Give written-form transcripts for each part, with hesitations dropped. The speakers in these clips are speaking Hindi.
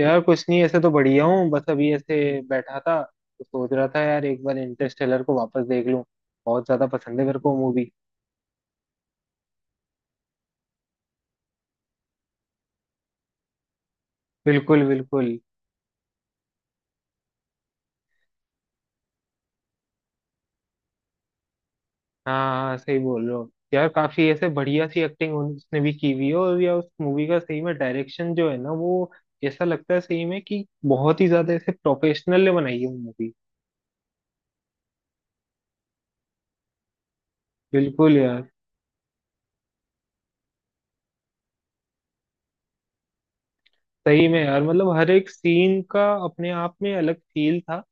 यार कुछ नहीं, ऐसे तो बढ़िया हूँ। बस अभी ऐसे बैठा था तो सोच रहा था यार एक बार इंटरस्टेलर को वापस देख लूँ। बहुत ज्यादा पसंद है मेरे को मूवी। बिल्कुल बिल्कुल। हाँ हाँ सही बोल रहे हो यार, काफी ऐसे बढ़िया सी एक्टिंग उसने भी की हुई है। और यार उस मूवी का सही में डायरेक्शन जो है ना, वो ऐसा लगता है सही में कि बहुत ही ज्यादा ऐसे प्रोफेशनल ने बनाई है मूवी। बिल्कुल यार, सही में यार, मतलब हर एक सीन का अपने आप में अलग फील था।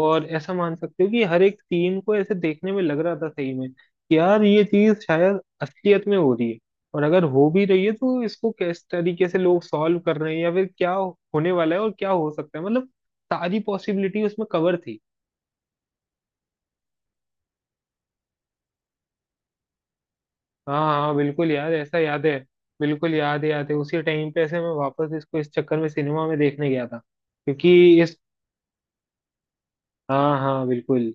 और ऐसा मान सकते हो कि हर एक सीन को ऐसे देखने में लग रहा था सही में कि यार ये चीज शायद असलियत में हो रही है। और अगर हो भी रही है तो इसको किस तरीके से लोग सॉल्व कर रहे हैं या फिर क्या होने वाला है और क्या हो सकता है, मतलब सारी पॉसिबिलिटी उसमें कवर थी। हाँ हाँ बिल्कुल यार, ऐसा याद है। बिल्कुल याद है, याद है। उसी टाइम पे ऐसे मैं वापस इसको इस चक्कर में सिनेमा में देखने गया था क्योंकि इस। हाँ हाँ बिल्कुल।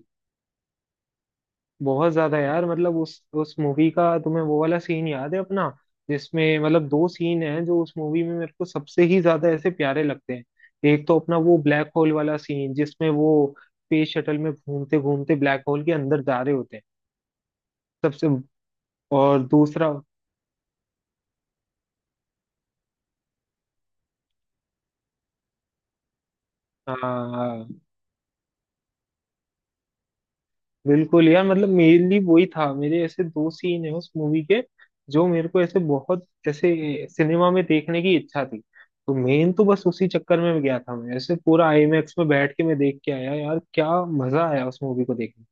बहुत ज्यादा यार। मतलब उस मूवी का तुम्हें वो वाला सीन याद है अपना, जिसमें मतलब दो सीन हैं जो उस मूवी में मेरे को सबसे ही ज्यादा ऐसे प्यारे लगते हैं। एक तो अपना वो ब्लैक होल वाला सीन जिसमें वो स्पेस शटल में घूमते घूमते ब्लैक होल के अंदर जा रहे होते हैं। सबसे और दूसरा। हाँ बिल्कुल यार, मतलब मेनली वही था मेरे ऐसे दो सीन है उस मूवी के जो मेरे को ऐसे बहुत ऐसे सिनेमा में देखने की इच्छा थी। तो मेन तो बस उसी चक्कर में गया था मैं, ऐसे पूरा आईमैक्स में बैठ के मैं देख के आया। यार क्या मजा आया उस मूवी को देखने।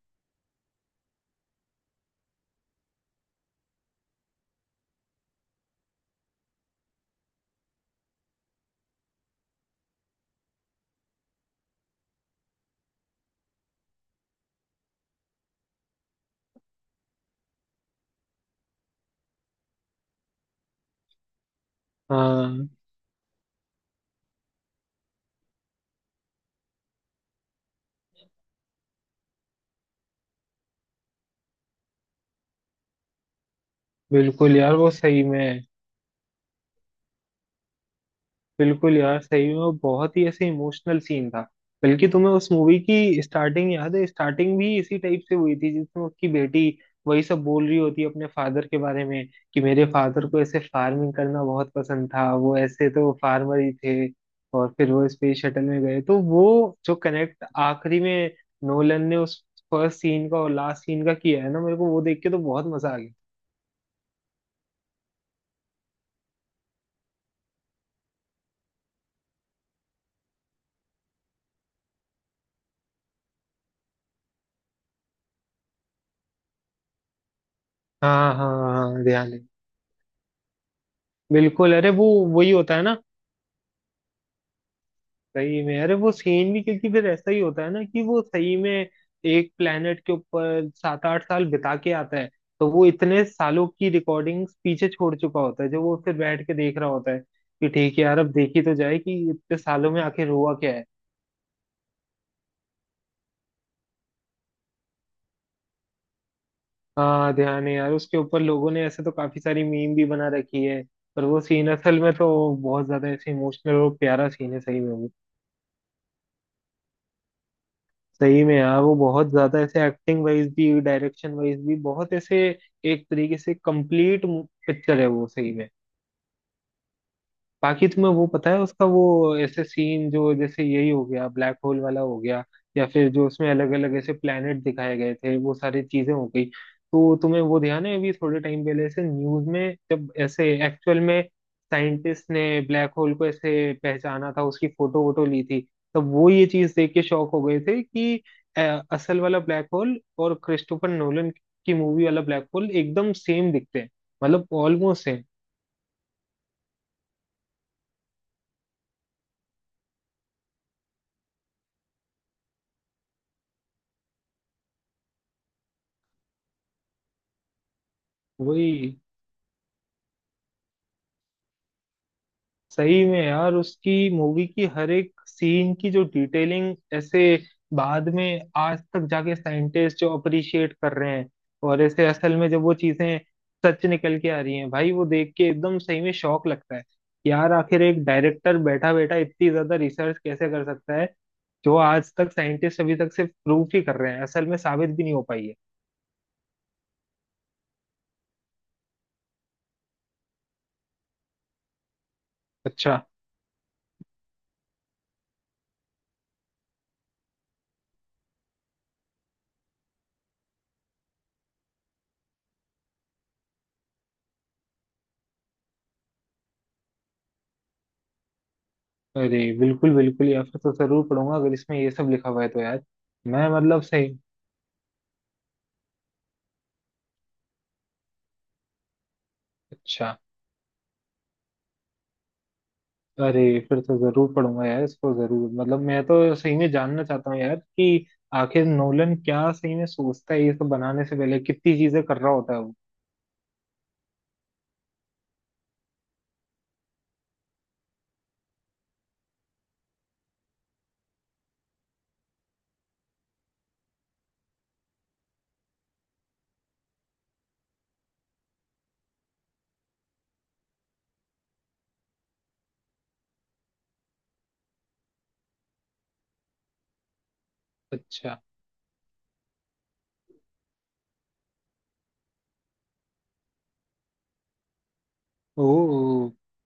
हाँ बिल्कुल यार, वो सही में। बिल्कुल यार, सही में वो बहुत ही ऐसे इमोशनल सीन था। बल्कि तुम्हें उस मूवी की स्टार्टिंग याद है? स्टार्टिंग भी इसी टाइप से हुई थी जिसमें उसकी बेटी वही सब बोल रही होती है अपने फादर के बारे में कि मेरे फादर को ऐसे फार्मिंग करना बहुत पसंद था, वो ऐसे तो फार्मर ही थे। और फिर वो स्पेस शटल में गए, तो वो जो कनेक्ट आखिरी में नोलन ने उस फर्स्ट सीन का और लास्ट सीन का किया है ना, मेरे को वो देख के तो बहुत मजा आ गया। हाँ हाँ हाँ ध्यान है। बिल्कुल, अरे वो वही होता है ना। सही में, अरे वो सीन भी, क्योंकि फिर ऐसा ही होता है ना कि वो सही में एक प्लेनेट के ऊपर सात आठ साल बिता के आता है, तो वो इतने सालों की रिकॉर्डिंग्स पीछे छोड़ चुका होता है जो वो फिर बैठ के देख रहा होता है कि ठीक है यार अब देखी तो जाए कि इतने सालों में आखिर हुआ क्या है। हाँ ध्यान है यार, उसके ऊपर लोगों ने ऐसे तो काफी सारी मीम भी बना रखी है। पर वो सीन असल में तो बहुत ज्यादा ऐसे इमोशनल और प्यारा सीन है सही में। सही में यार, वो बहुत ज्यादा ऐसे एक्टिंग वाइज भी डायरेक्शन वाइज भी बहुत ऐसे एक तरीके से कंप्लीट पिक्चर है वो सही में। बाकी तुम्हें वो पता है उसका वो ऐसे सीन जो, जैसे यही हो गया ब्लैक होल वाला हो गया, या फिर जो उसमें अलग अलग ऐसे प्लेनेट दिखाए गए थे वो सारी चीजें हो गई, तो तुम्हें वो ध्यान है अभी थोड़े टाइम पहले ऐसे न्यूज में जब ऐसे एक्चुअल में साइंटिस्ट ने ब्लैक होल को ऐसे पहचाना था, उसकी फोटो वोटो ली थी, तब वो ये चीज देख के शॉक हो गए थे कि अ, असल वाला ब्लैक होल और क्रिस्टोफर नोलन की मूवी वाला ब्लैक होल एकदम सेम दिखते हैं, मतलब ऑलमोस्ट सेम। वही, सही में यार उसकी मूवी की हर एक सीन की जो डिटेलिंग ऐसे बाद में आज तक जाके साइंटिस्ट जो अप्रिशिएट कर रहे हैं, और ऐसे असल में जब वो चीजें सच निकल के आ रही हैं भाई, वो देख के एकदम सही में शौक लगता है। यार आखिर एक डायरेक्टर बैठा बैठा इतनी ज्यादा रिसर्च कैसे कर सकता है जो आज तक साइंटिस्ट अभी तक सिर्फ प्रूफ ही कर रहे हैं, असल में साबित भी नहीं हो पाई है। अच्छा। अरे बिल्कुल बिल्कुल, या फिर तो जरूर पढ़ूंगा अगर इसमें ये सब लिखा हुआ है तो। यार मैं मतलब सही। अच्छा, अरे फिर तो जरूर पढ़ूंगा यार इसको, जरूर। मतलब मैं तो सही में जानना चाहता हूँ यार कि आखिर नोलन क्या सही में सोचता है ये सब बनाने से पहले, कितनी चीजें कर रहा होता है वो। अच्छा। ओ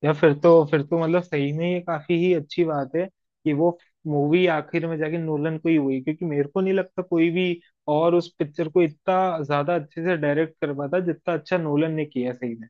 यार, फिर तो मतलब सही में ये काफी ही अच्छी बात है कि वो मूवी आखिर में जाके नोलन को ही हुई, क्योंकि मेरे को नहीं लगता कोई भी और उस पिक्चर को इतना ज्यादा अच्छे से डायरेक्ट कर पाता जितना अच्छा नोलन ने किया है सही में।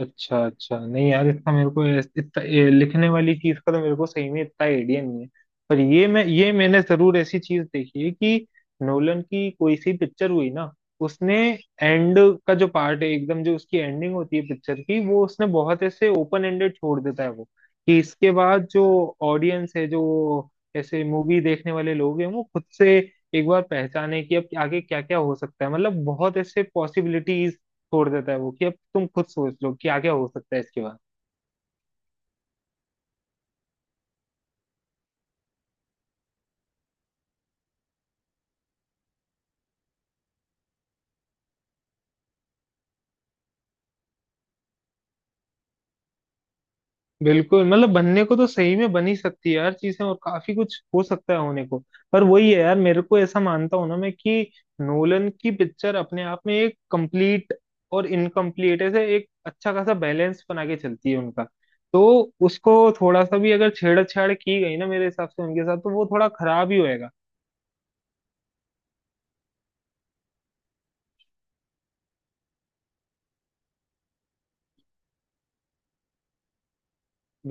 अच्छा अच्छा, नहीं यार इतना मेरे को इतना ये लिखने वाली चीज का तो मेरे को सही में इतना आइडिया नहीं है। पर ये मैं, ये मैंने जरूर ऐसी चीज देखी है कि नोलन की कोई सी पिक्चर हुई ना, उसने एंड का जो पार्ट है, एकदम जो उसकी एंडिंग होती है पिक्चर की, वो उसने बहुत ऐसे ओपन एंडेड छोड़ देता है वो। कि इसके बाद जो ऑडियंस है, जो ऐसे मूवी देखने वाले लोग हैं, वो खुद से एक बार पहचाने कि अब आगे क्या क्या हो सकता है। मतलब बहुत ऐसे पॉसिबिलिटीज छोड़ देता है वो कि अब तुम खुद सोच लो क्या क्या हो सकता है इसके बाद। बिल्कुल, मतलब बनने को तो सही में बन ही सकती है यार चीजें, और काफी कुछ हो सकता है होने को। पर वही है यार, मेरे को ऐसा मानता हूं ना मैं कि नोलन की पिक्चर अपने आप में एक कंप्लीट और इनकम्प्लीट ऐसे एक अच्छा खासा बैलेंस बना के चलती है उनका। तो उसको थोड़ा सा भी अगर छेड़छाड़ की गई ना मेरे हिसाब से उनके साथ, तो वो थोड़ा खराब ही होएगा।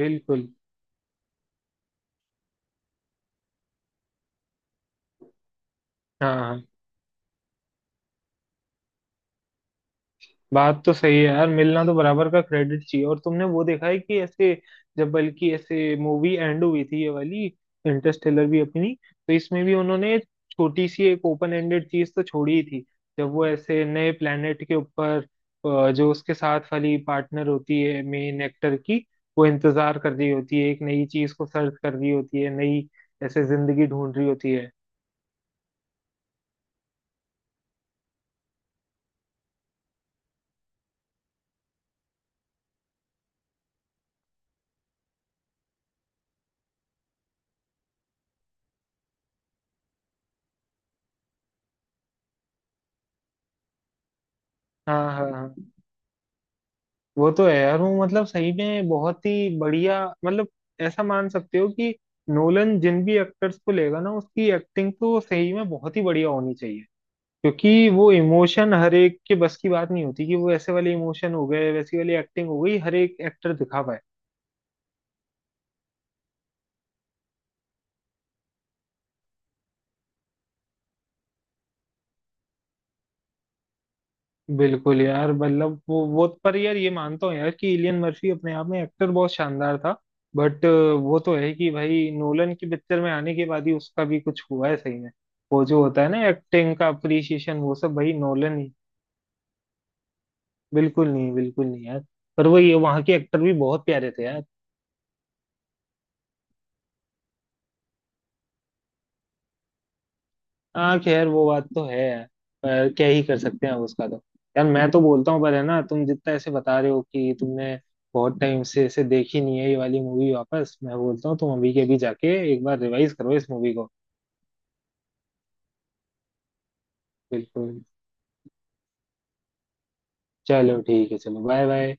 बिल्कुल। हाँ हाँ। बात तो सही है यार, मिलना तो बराबर का क्रेडिट चाहिए। और तुमने वो देखा है कि ऐसे जब बल्कि ऐसे मूवी एंड हुई थी ये वाली, इंटरस्टेलर भी अपनी, तो इसमें भी उन्होंने छोटी सी एक ओपन एंडेड चीज तो छोड़ी ही थी। जब वो ऐसे नए प्लेनेट के ऊपर, जो उसके साथ वाली पार्टनर होती है मेन एक्टर की, वो इंतजार कर रही होती है, एक नई चीज को सर्च कर रही होती है, नई ऐसे जिंदगी ढूंढ रही होती है। हाँ हाँ हाँ। वो तो है यार, वो मतलब सही में बहुत ही बढ़िया। मतलब ऐसा मान सकते हो कि नोलन जिन भी एक्टर्स को लेगा ना, उसकी एक्टिंग तो सही में बहुत ही बढ़िया होनी चाहिए। क्योंकि वो इमोशन हर एक के बस की बात नहीं होती कि वो ऐसे वाले इमोशन हो गए वैसी वाली एक्टिंग हो गई, हर एक एक्टर दिखा पाए। बिल्कुल यार, मतलब वो पर यार ये मानता हूँ यार कि इलियन मर्फी अपने आप में एक्टर बहुत शानदार था। बट वो तो है कि भाई नोलन की पिक्चर में आने के बाद ही उसका भी कुछ हुआ है सही में। वो जो होता है ना एक्टिंग का अप्रिसिएशन, वो सब भाई नोलन ही। बिल्कुल नहीं यार। पर वो, ये वहाँ के एक्टर भी बहुत प्यारे थे यार। हाँ खैर वो बात तो है यार, पर क्या ही कर सकते हैं अब उसका तो। यार मैं तो बोलता हूँ, पर है ना तुम जितना ऐसे बता रहे हो कि तुमने बहुत टाइम से ऐसे देखी नहीं है ये वाली मूवी, वापस मैं बोलता हूँ तुम अभी के अभी जाके एक बार रिवाइज करो इस मूवी को। बिल्कुल। चलो ठीक है, चलो बाय बाय।